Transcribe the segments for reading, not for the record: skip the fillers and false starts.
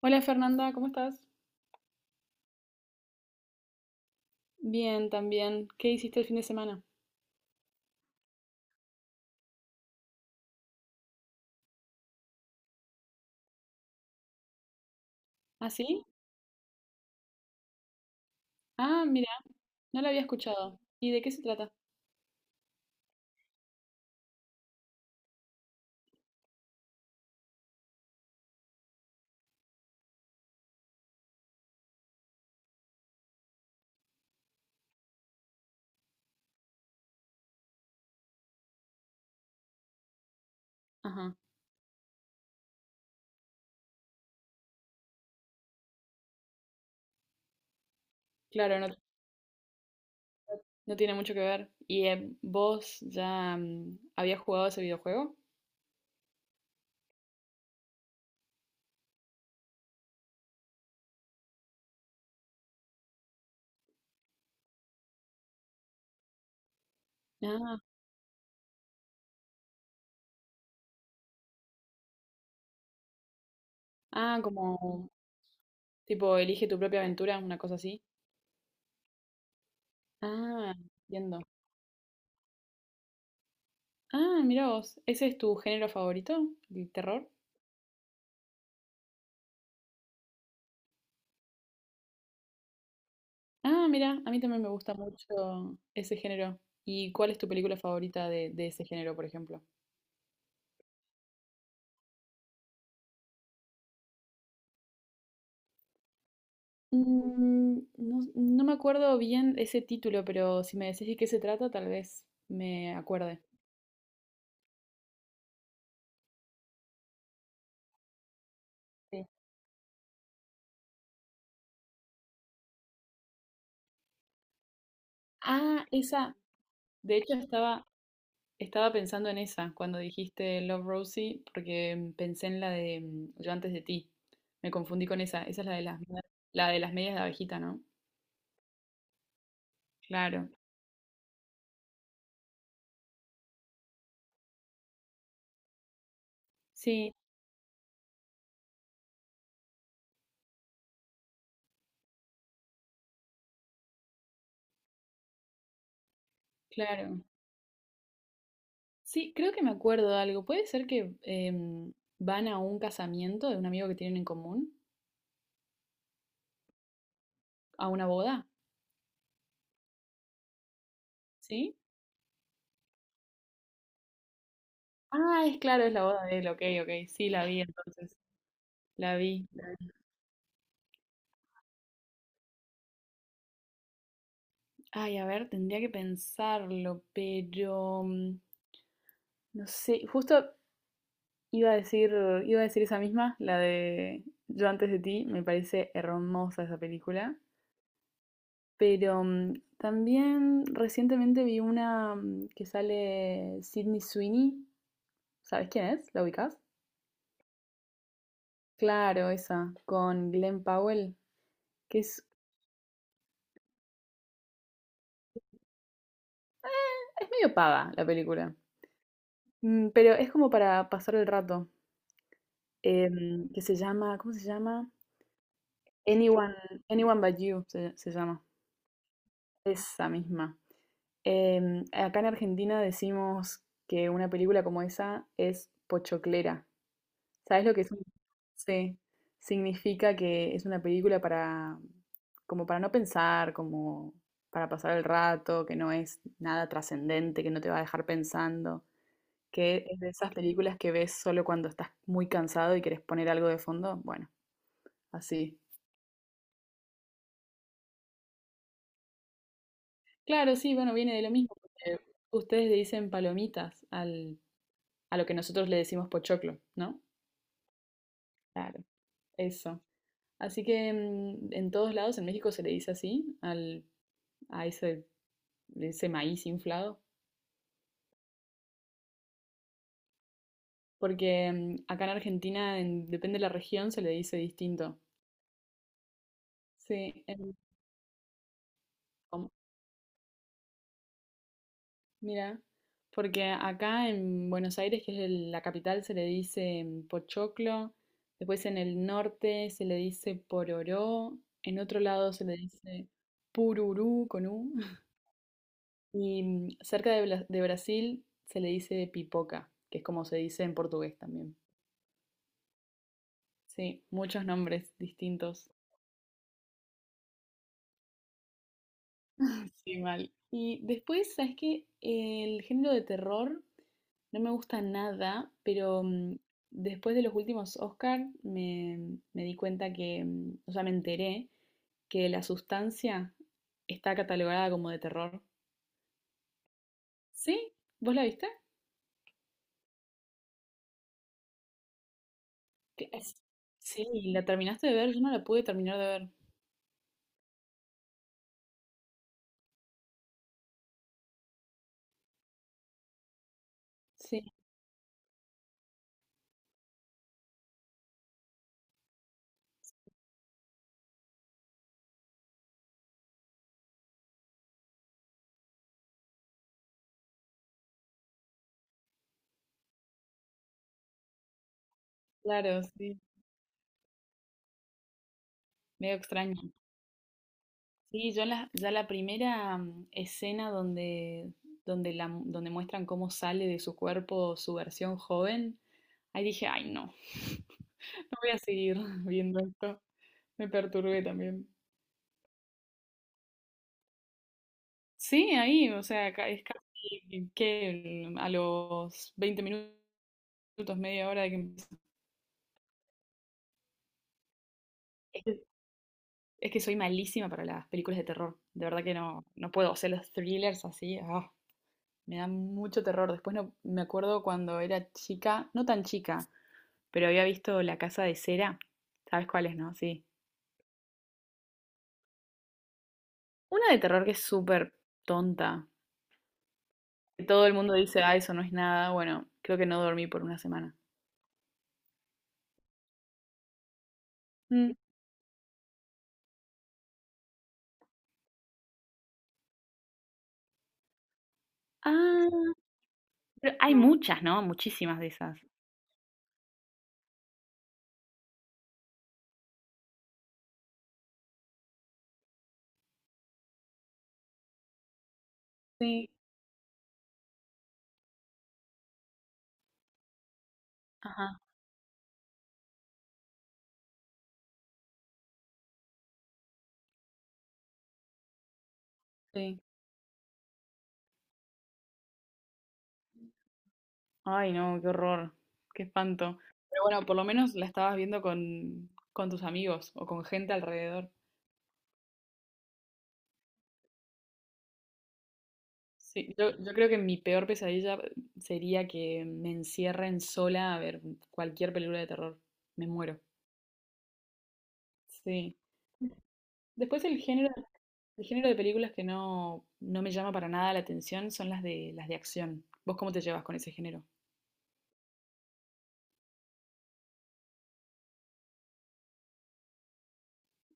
Hola Fernanda, ¿cómo estás? Bien, también. ¿Qué hiciste el fin de semana? ¿Ah, sí? Ah, mira, no lo había escuchado. ¿Y de qué se trata? Ajá, claro, no, no tiene mucho que ver. ¿Y vos ya habías jugado ese videojuego? Ah, ah, como tipo elige tu propia aventura, una cosa así. Ah, entiendo. Ah, mira vos, ¿ese es tu género favorito? ¿El terror? Ah, mira, a mí también me gusta mucho ese género. ¿Y cuál es tu película favorita de ese género, por ejemplo? Mm, no, no me acuerdo bien ese título, pero si me decís de qué se trata, tal vez me acuerde. Sí. Ah, esa. De hecho, estaba pensando en esa cuando dijiste Love Rosie, porque pensé en la de Yo antes de ti. Me confundí con esa. Esa es la de las, la de las medias de abejita, ¿no? Claro. Sí, claro. Sí, creo que me acuerdo de algo. ¿Puede ser que van a un casamiento de un amigo que tienen en común? ¿A una boda? ¿Sí? Ah, es claro, es la boda de él, ok, ok, sí, la vi entonces, la vi. Ay, a ver, tendría que pensarlo, pero no sé, justo iba a decir, iba a decir esa misma, la de Yo antes de ti, me parece hermosa esa película, pero también recientemente vi una que sale Sydney Sweeney, ¿sabes quién es? ¿La ubicás? Claro, esa, con Glenn Powell, que es medio pava la película. Pero es como para pasar el rato, que se llama, ¿cómo se llama? Anyone, Anyone But You se llama, esa misma. Acá en Argentina decimos que una película como esa es pochoclera. ¿Sabes lo que es un... Sí, significa que es una película para, como para no pensar, como para pasar el rato, que no es nada trascendente, que no te va a dejar pensando, que es de esas películas que ves solo cuando estás muy cansado y querés poner algo de fondo. Bueno, así. Claro, sí, bueno, viene de lo mismo, porque ustedes le dicen palomitas al, a lo que nosotros le decimos pochoclo, ¿no? Claro, eso. Así que en todos lados en México se le dice así a ese, ese maíz inflado, porque acá en Argentina, depende de la región, se le dice distinto. Sí, es mira, porque acá en Buenos Aires, que es la capital, se le dice pochoclo, después en el norte se le dice pororó, en otro lado se le dice pururú con U, y cerca de, de Brasil se le dice pipoca, que es como se dice en portugués también. Sí, muchos nombres distintos. Sí, mal. Y después, ¿sabes qué? El género de terror no me gusta nada, pero después de los últimos Oscar me di cuenta que, o sea, me enteré que La Sustancia está catalogada como de terror. ¿Sí? ¿Vos la viste? Que- es- Sí, la terminaste de ver, yo no la pude terminar de ver. Sí, claro, sí. Medio extraño. Sí, ya la primera escena donde muestran cómo sale de su cuerpo su versión joven, ahí dije, ay no, no voy a seguir viendo esto. Me perturbé también. Sí, ahí, o sea, es casi que a los 20 minutos, media hora de que empieza. Es que, es que soy malísima para las películas de terror. De verdad que no, no puedo. O sea, los thrillers así, me dan mucho terror. Después no, me acuerdo cuando era chica, no tan chica, pero había visto La Casa de Cera. ¿Sabes cuál es, no? Sí. Una de terror que es súper tonta. Que todo el mundo dice, ah, eso no es nada. Bueno, creo que no dormí por una semana. Mm. Ah, pero hay muchas, ¿no? Muchísimas de esas. Sí, ajá, sí. Ay, no, qué horror. Qué espanto. Pero bueno, por lo menos la estabas viendo con tus amigos o con gente alrededor. Sí, yo creo que mi peor pesadilla sería que me encierren sola a ver cualquier película de terror. Me muero. Sí. Después el género de películas que no, no me llama para nada la atención son las de acción. ¿Vos cómo te llevas con ese género?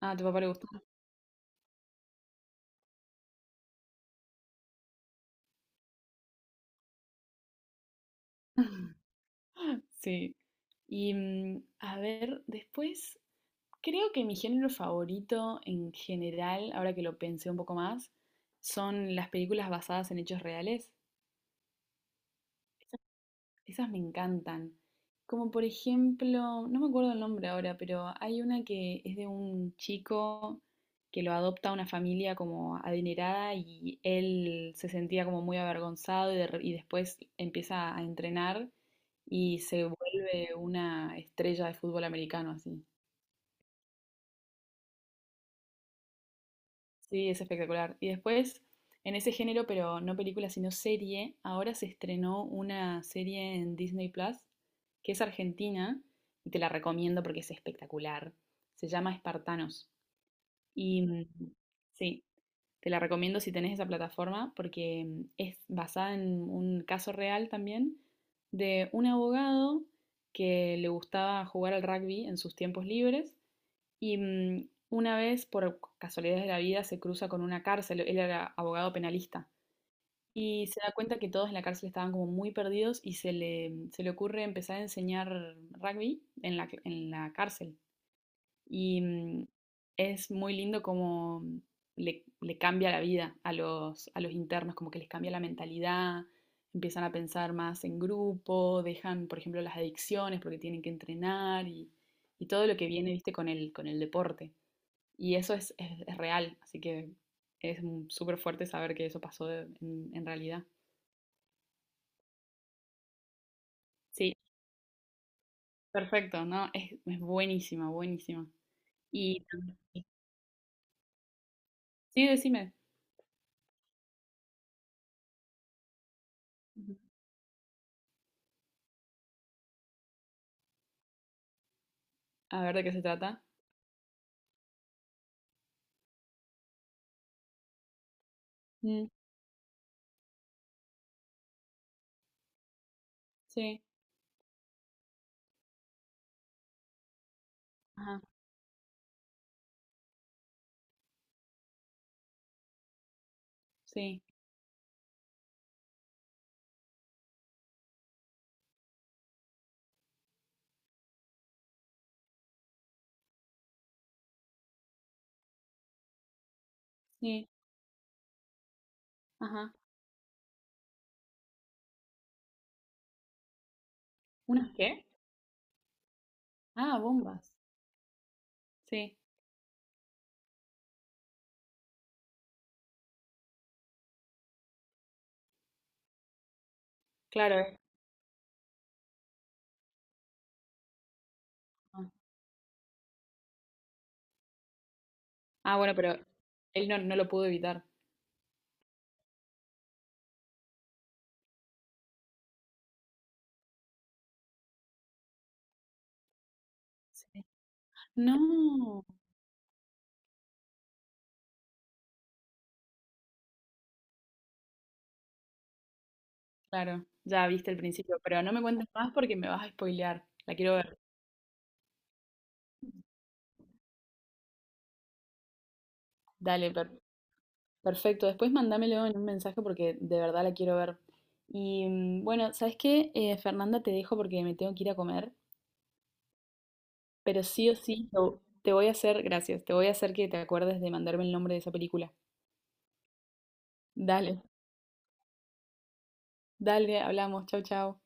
Ah, a tu papá le gusta. Sí. Y a ver, después, creo que mi género favorito en general, ahora que lo pensé un poco más, son las películas basadas en hechos reales. Esas me encantan. Como por ejemplo, no me acuerdo el nombre ahora, pero hay una que es de un chico que lo adopta una familia como adinerada y él se sentía como muy avergonzado y después empieza a entrenar y se vuelve una estrella de fútbol americano así. Sí, es espectacular. Y después, en ese género, pero no película, sino serie, ahora se estrenó una serie en Disney Plus, que es argentina, y te la recomiendo porque es espectacular. Se llama Espartanos. Y sí, te la recomiendo si tenés esa plataforma porque es basada en un caso real también de un abogado que le gustaba jugar al rugby en sus tiempos libres y una vez por casualidades de la vida se cruza con una cárcel, él era abogado penalista y se da cuenta que todos en la cárcel estaban como muy perdidos y se le ocurre empezar a enseñar rugby en la cárcel. Y es muy lindo cómo le cambia la vida a los internos, como que les cambia la mentalidad, empiezan a pensar más en grupo, dejan, por ejemplo, las adicciones porque tienen que entrenar y todo lo que viene, viste, con el deporte. Y eso es real, así que es súper fuerte saber que eso pasó en realidad. Sí, perfecto, ¿no? Es buenísima, buenísima. Y sí, decime, ujú. A ver de qué se trata. Mm, sí. Ajá, sí, sí, ajá. ¿Unas qué? Ah, bombas. Sí, claro. Ah, ah, bueno, pero él no, no lo pudo evitar. Sí. No, claro, ya viste el principio, pero no me cuentes más porque me vas a spoilear. La quiero ver. Dale, perfecto. Después mándamelo en un mensaje porque de verdad la quiero ver. Y bueno, ¿sabes qué? Fernanda, te dejo porque me tengo que ir a comer, pero sí o sí, te voy a hacer, gracias, te voy a hacer que te acuerdes de mandarme el nombre de esa película. Dale. Dale, hablamos. Chau, chau.